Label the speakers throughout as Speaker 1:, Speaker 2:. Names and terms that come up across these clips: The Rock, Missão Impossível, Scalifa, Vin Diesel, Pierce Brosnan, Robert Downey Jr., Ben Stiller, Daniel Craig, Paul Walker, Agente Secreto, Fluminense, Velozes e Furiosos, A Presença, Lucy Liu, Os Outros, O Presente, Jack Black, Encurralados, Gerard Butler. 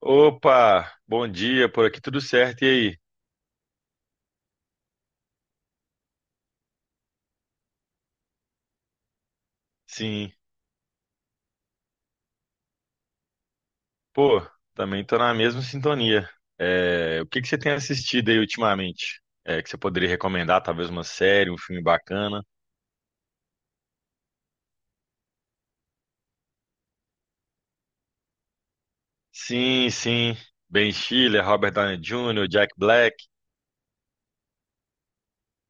Speaker 1: Opa, bom dia, por aqui tudo certo, e aí? Sim, pô, também tô na mesma sintonia. É, o que que você tem assistido aí ultimamente? É, que você poderia recomendar, talvez uma série, um filme bacana? Sim, sim, Ben Stiller, Robert Downey Jr., Jack Black,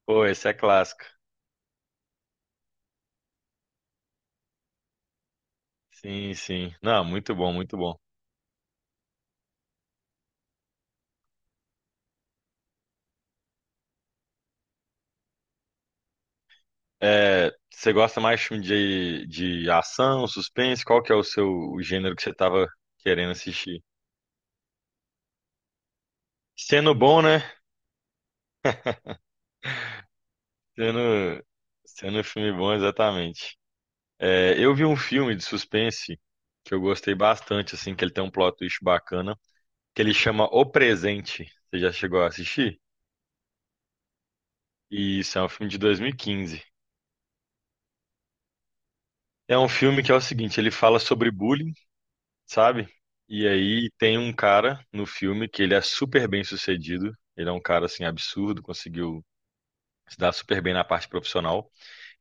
Speaker 1: pô, esse é clássico. Sim, sim, não, muito bom, muito bom. É, você gosta mais de filme de ação, suspense? Qual que é o seu o gênero que você tava querendo assistir? Sendo bom, né? Sendo, sendo um filme bom, exatamente. É, eu vi um filme de suspense que eu gostei bastante, assim, que ele tem um plot twist bacana, que ele chama O Presente. Você já chegou a assistir? E isso é um filme de 2015. É um filme que é o seguinte, ele fala sobre bullying, sabe? E aí tem um cara no filme que ele é super bem sucedido. Ele é um cara, assim, absurdo, conseguiu se dar super bem na parte profissional.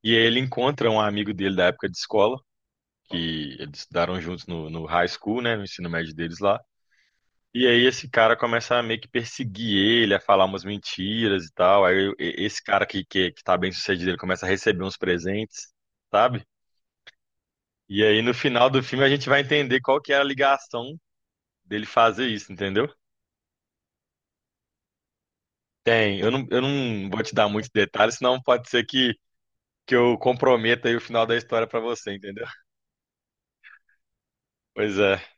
Speaker 1: E aí ele encontra um amigo dele da época de escola, que eles estudaram juntos no high school, né, no ensino médio deles lá. E aí esse cara começa a meio que perseguir ele, a falar umas mentiras e tal. Esse cara que tá bem sucedido, ele começa a receber uns presentes, sabe? E aí no final do filme a gente vai entender qual que era a ligação dele fazer isso, entendeu? Tem, eu não vou te dar muitos detalhes, senão pode ser que eu comprometa aí o final da história pra você, entendeu? Pois é.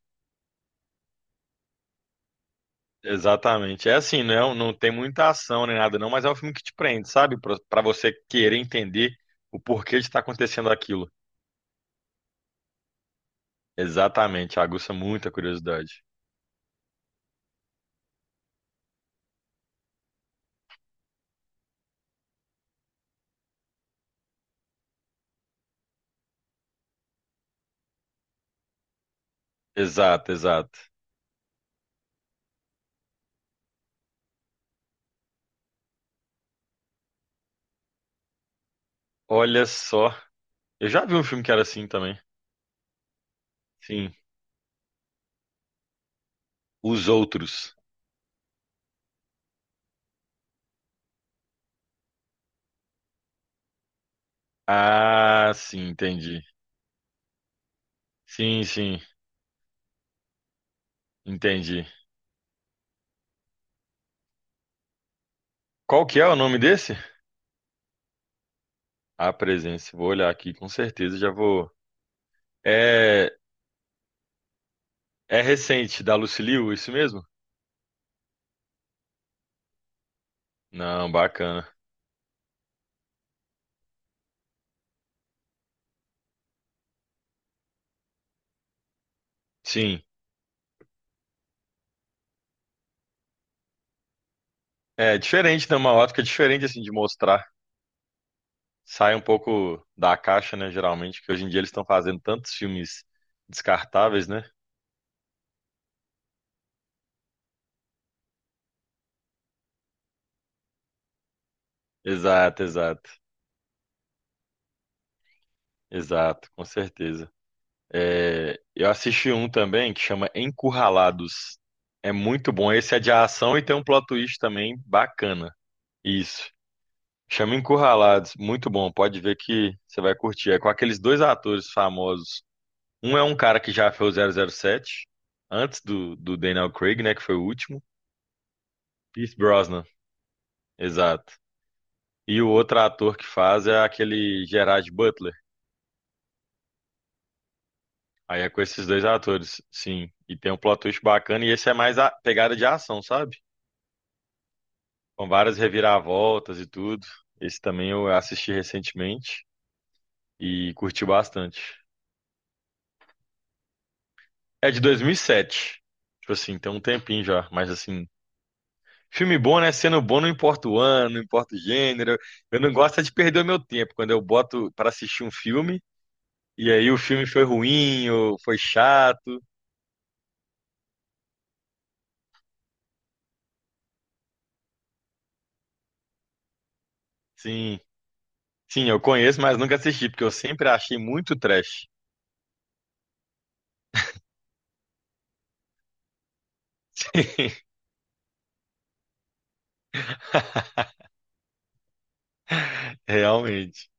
Speaker 1: Exatamente. É assim, não, é um, não tem muita ação nem nada, não, mas é um filme que te prende, sabe? Pra você querer entender o porquê de estar acontecendo aquilo. Exatamente, aguça muita curiosidade. Exato, exato. Olha só, eu já vi um filme que era assim também. Sim, Os Outros. Ah, sim, entendi. Sim, sim, entendi. Qual que é o nome desse? A Presença. Vou olhar aqui, com certeza já vou. É, é recente, da Lucy Liu, isso mesmo? Não, bacana. Sim. É diferente, né? Uma ótica diferente, assim, de mostrar. Sai um pouco da caixa, né? Geralmente, que hoje em dia eles estão fazendo tantos filmes descartáveis, né? Exato, exato, exato, com certeza. É, eu assisti um também que chama Encurralados. É muito bom. Esse é de ação e tem um plot twist também bacana. Isso. Chama Encurralados. Muito bom. Pode ver que você vai curtir. É com aqueles dois atores famosos. Um é um cara que já fez o zero zero sete antes do Daniel Craig, né, que foi o último. Pierce Brosnan, exato. E o outro ator que faz é aquele Gerard Butler. Aí é com esses dois atores, sim. E tem um plot twist bacana, e esse é mais a pegada de ação, sabe? Com várias reviravoltas e tudo. Esse também eu assisti recentemente e curti bastante. É de dois mil e sete. Tipo assim, tem um tempinho já, mas assim, filme bom, né? Sendo bom, não importa o ano, não importa o gênero. Eu não gosto é de perder o meu tempo quando eu boto para assistir um filme e aí o filme foi ruim ou foi chato. Sim, sim, eu conheço, mas nunca assisti, porque eu sempre achei muito trash. Realmente.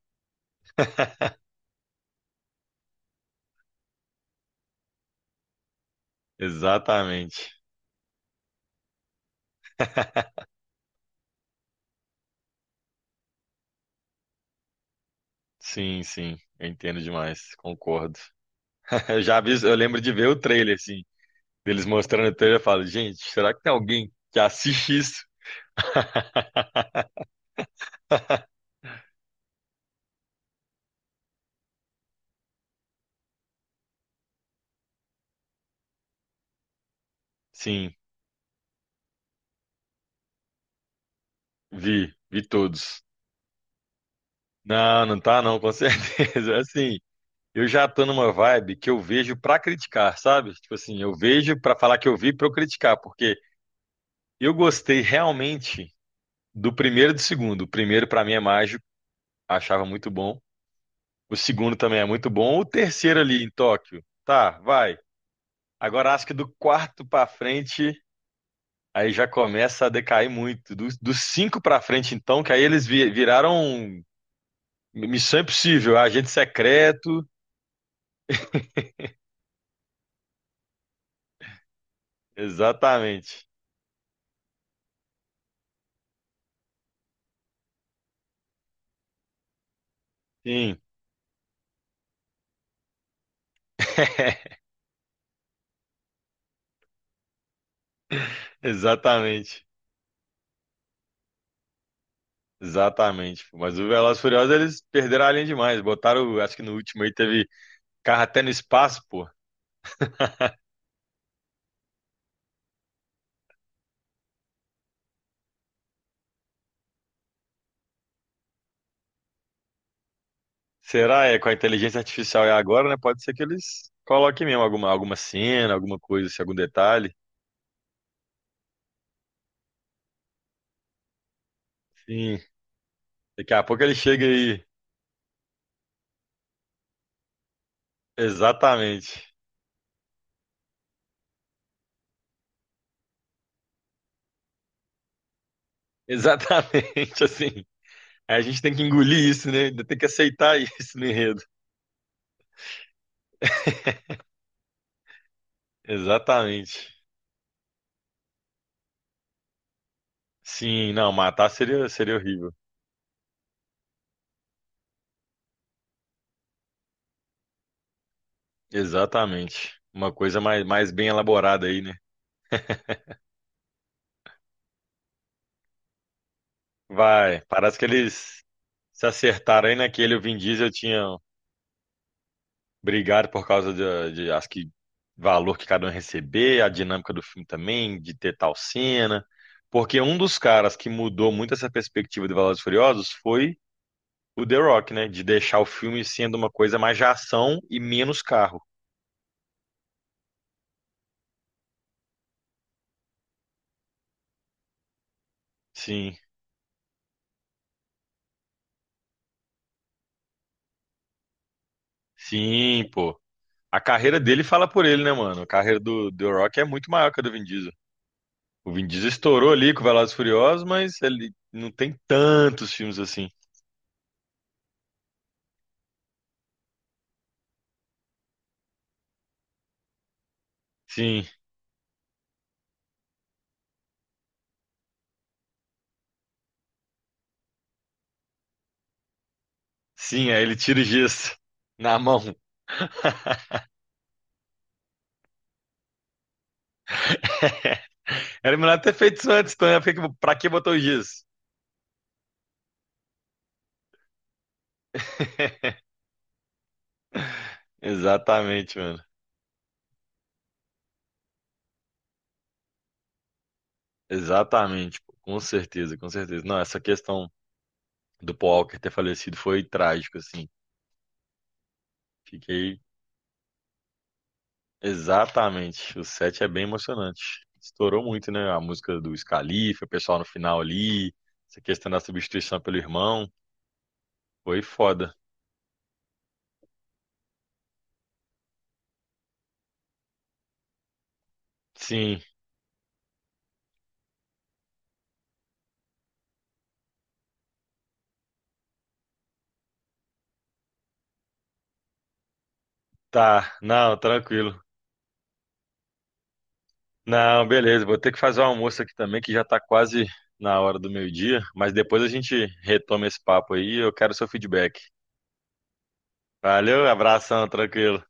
Speaker 1: Exatamente. Sim, sim. Eu entendo demais. Concordo. Eu lembro de ver o trailer, assim, deles mostrando o trailer. Eu falo, gente, será que tem alguém que assiste isso? Sim, vi todos. Não, não tá não, com certeza. Assim, eu já tô numa vibe que eu vejo pra criticar, sabe? Tipo assim, eu vejo pra falar que eu vi pra eu criticar, porque eu gostei realmente do primeiro e do segundo. O primeiro pra mim é mágico, achava muito bom. O segundo também é muito bom. O terceiro ali em Tóquio, tá, vai. Agora acho que do quarto pra frente aí já começa a decair muito. Dos cinco pra frente então, que aí eles viraram Missão Impossível, Agente Secreto, exatamente. Sim, exatamente. Exatamente. Mas o Velozes e Furiosos, eles perderam a linha demais. Botaram, acho que no último aí teve carro até no espaço, pô. Será? É, com a inteligência artificial é agora, né? Pode ser que eles coloquem mesmo alguma, alguma cena, alguma coisa, assim, algum detalhe. Sim. Daqui a pouco ele chega aí. Exatamente. Exatamente, assim. Aí a gente tem que engolir isso, né? Ainda tem que aceitar isso no enredo. Exatamente. Sim, não, matar seria, seria horrível. Exatamente. Uma coisa mais, mais bem elaborada aí, né? Vai, parece que eles se acertaram aí naquele. O Vin Diesel tinha brigado por causa acho que, valor que cada um ia receber, a dinâmica do filme também, de ter tal cena. Porque um dos caras que mudou muito essa perspectiva de Velozes e Furiosos foi o The Rock, né? De deixar o filme sendo uma coisa mais de ação e menos carro. Sim, sim, pô. A carreira dele fala por ele, né, mano? A carreira do The Rock é muito maior que a do Vin Diesel. O Vin Diesel estourou ali com Velozes e Furiosos, mas ele não tem tantos filmes assim. Sim, sim, aí ele tira o gesso na mão. Era melhor ter feito isso antes, então, né? Pra que botou o gesso? Exatamente, mano. Exatamente, pô. Com certeza, com certeza. Não, essa questão do Paul Walker ter falecido foi trágico, assim. Fiquei exatamente. O set é bem emocionante. Estourou muito, né? A música do Scalifa, o pessoal no final ali, essa questão da substituição pelo irmão. Foi foda. Sim, tá. Não, tranquilo. Não, beleza. Vou ter que fazer o almoço aqui também, que já tá quase na hora do meio-dia. Mas depois a gente retoma esse papo aí. Eu quero seu feedback. Valeu, abração, tranquilo.